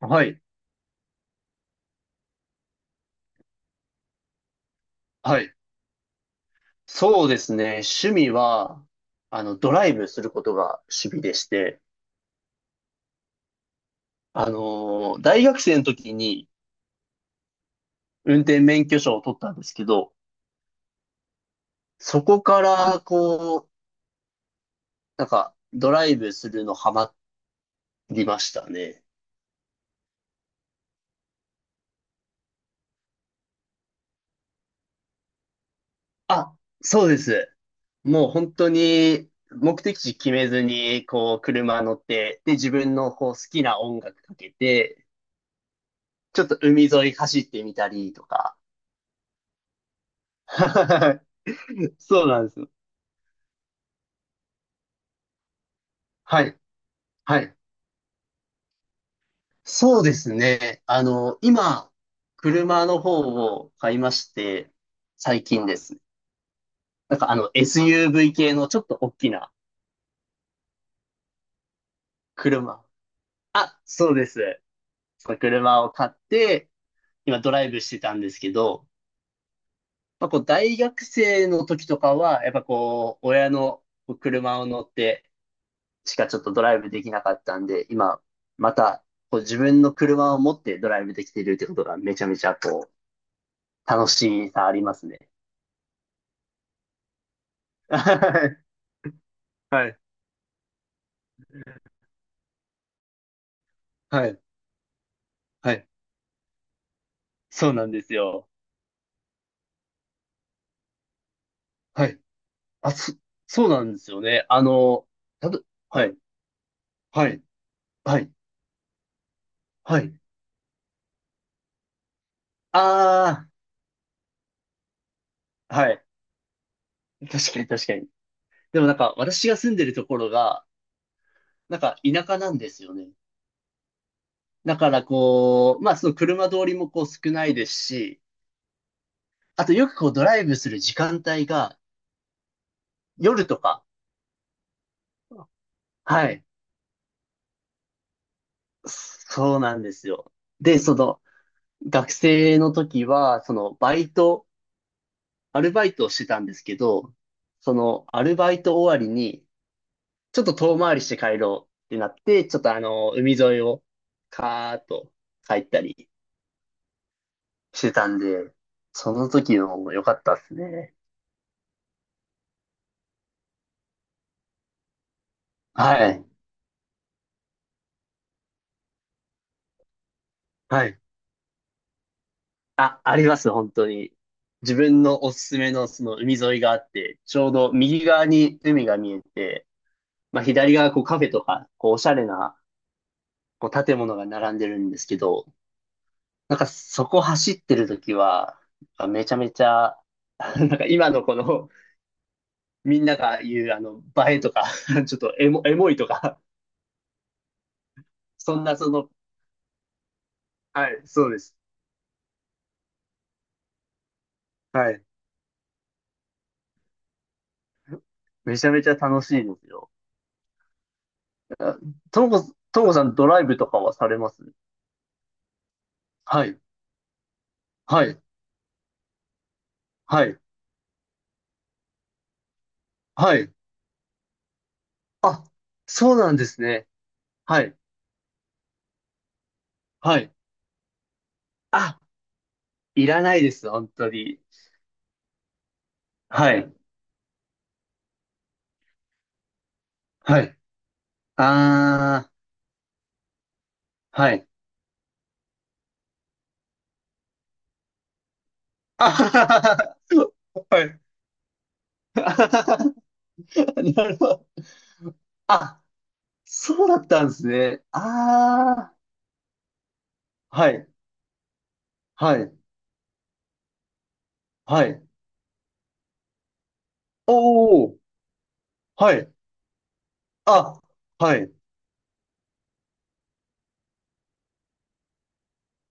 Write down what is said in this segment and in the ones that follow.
はい。はい。そうですね。趣味は、ドライブすることが趣味でして、大学生の時に運転免許証を取ったんですけど、そこから、ドライブするのハマりましたね。あ、そうです。もう本当に、目的地決めずに、こう、車乗って、で、自分のこう好きな音楽かけて、ちょっと海沿い走ってみたりとか。そうなんですよ。はいはい。そうですね。あの、今、車の方を買いまして、最近です。SUV 系のちょっと大きな車。あ、そうです。その車を買って、今ドライブしてたんですけど、まあ、こう、大学生の時とかは、やっぱこう、親のこう車を乗ってしかちょっとドライブできなかったんで、今、また、こう、自分の車を持ってドライブできてるってことがめちゃめちゃ楽しさありますね。はい。はい。はい。そうなんですよ。はい。あ、そ、そうなんですよね。あの、はい。はい。はい。はい。ああ、はい。確かに確かに。でもなんか、私が住んでるところが、なんか田舎なんですよね。だからこう、まあその車通りもこう少ないですし、あとよくこうドライブする時間帯が夜とか、はい。そうなんですよ。で、その、学生の時は、その、バイトアルバイトをしてたんですけど、そのアルバイト終わりに、ちょっと遠回りして帰ろうってなって、ちょっとあの、海沿いをカーッと帰ったりしてたんで、その時のも良かったですね。はい。はい。あ、あります、本当に。自分のおすすめのその海沿いがあって、ちょうど右側に海が見えて、まあ左側こうカフェとか、こうおしゃれなこう建物が並んでるんですけど、なんかそこ走ってる時は、なんかめちゃめちゃ、なんか今のこの、みんなが言うあの、映えとか、ちょっとエモいとか、そんなその、はい、そうです。はい。めちゃめちゃ楽しいですよ。あともこさんドライブとかはされます？はい、はい、はい、はい。あ、そうなんですね。はい、はい。あ、いらないです、本当に。はい、はい。あー、はい。あはははは。なるほど。あ、そうだったんですね。ああ、はい、はい、はい。おお、はい。あ、はい。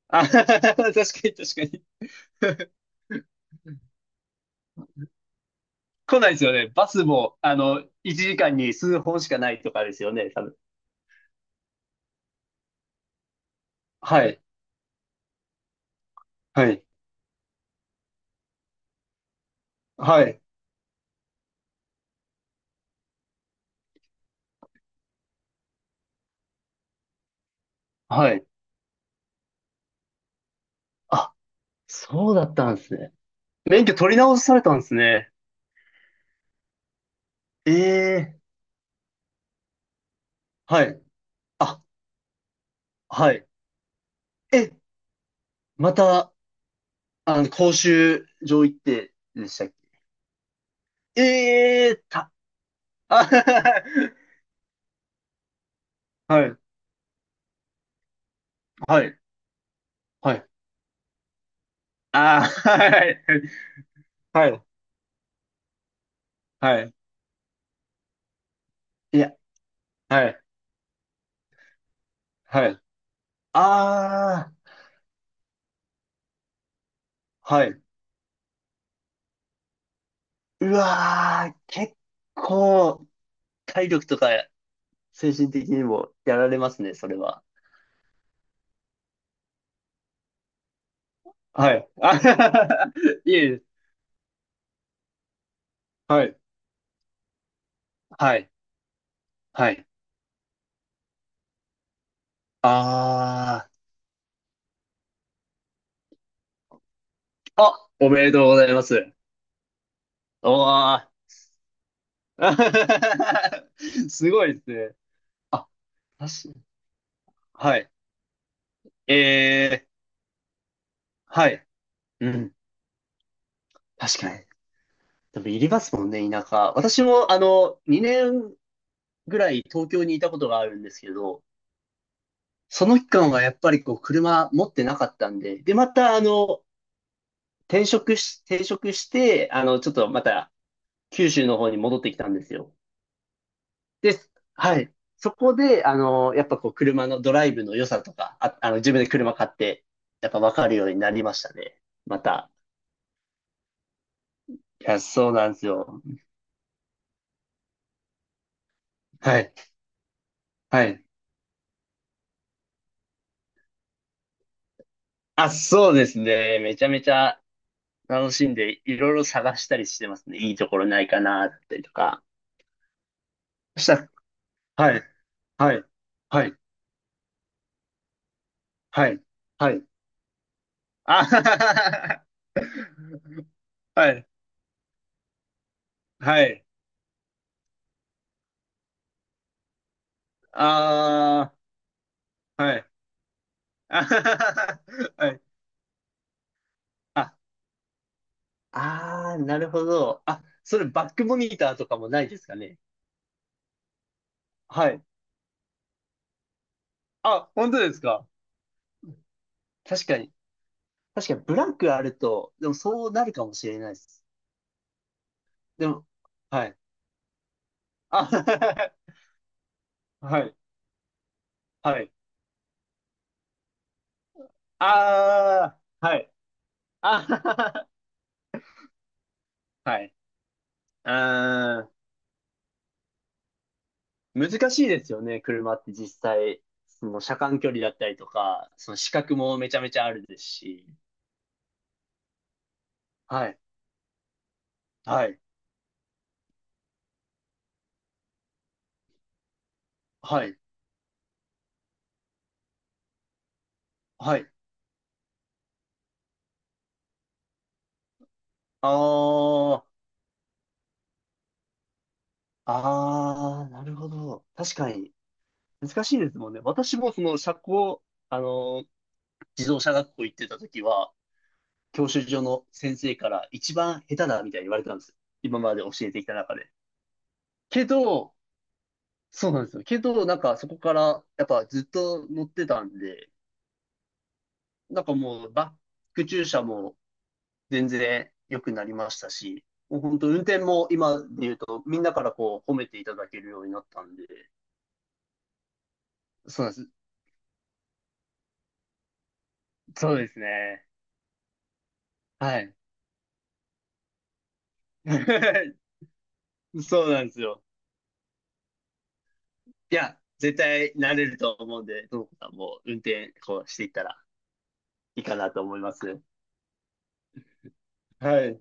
あ、確かに確かに。来ないですよね。バスも、あの、1時間に数本しかないとかですよね、多分。はい、はい、はい、はい。あ、そうだったんですね。免許取り直されたんですね。ええ、はい。あ、はい。え、また、あの、講習場行ってでしたっけ？ええー、あ はい、はい、はい。あー、はい、はい、はい。いや、はい、はい。あー、はい。うわー、結構、体力とか精神的にもやられますね、それは。はい。あ いえいえ、はい、はい、はい。あー、あ、おめでとうございます。おー。すごいですね。あ、確かはい。えー、はい。うん。確かに。でも、いりますもんね、田舎。私も、あの、2年ぐらい東京にいたことがあるんですけど、その期間はやっぱりこう、車持ってなかったんで、で、また、あの、転職して、あの、ちょっとまた、九州の方に戻ってきたんですよ。です。はい。そこで、あの、やっぱこう、車のドライブの良さとか、あ、あの、自分で車買って、やっぱ分かるようになりましたね。また。いや、そうなんですよ。はい。はい。あ、そうですね。めちゃめちゃ楽しんで、いろいろ探したりしてますね。いいところないかな、だったりとか。そしたら、はい。はい。はい。はい。はい。あはははははい。はい。ああ、はい。あはははははい。ああ、なるほど。あ、それバックモニターとかもないですかね？はい。あ、本当ですか？確かに。確かに、ブランクあると、でもそうなるかもしれないです。でも、はい。あ、はい。はい。ああ、はい。ああ、はい。ああ、難しいですよね、車って実際。その車間距離だったりとか、その視覚もめちゃめちゃあるですし。はい。はい。はい。はい。ああ、ああ、なるほど。確かに、難しいですもんね。私もその社交、あの、自動車学校行ってた時は、教習所の先生から一番下手だみたいに言われたんですよ。今まで教えてきた中で。けど、そうなんですよ。けど、なんかそこから、やっぱずっと乗ってたんで、なんかもうバック駐車も全然良くなりましたし、もう本当運転も今で言うと、みんなからこう褒めていただけるようになったんで、そうなんです。そうですね。はい。そうなんですよ。いや、絶対慣れると思うんで、ともこさんも運転こうしていったらいいかなと思います。はい。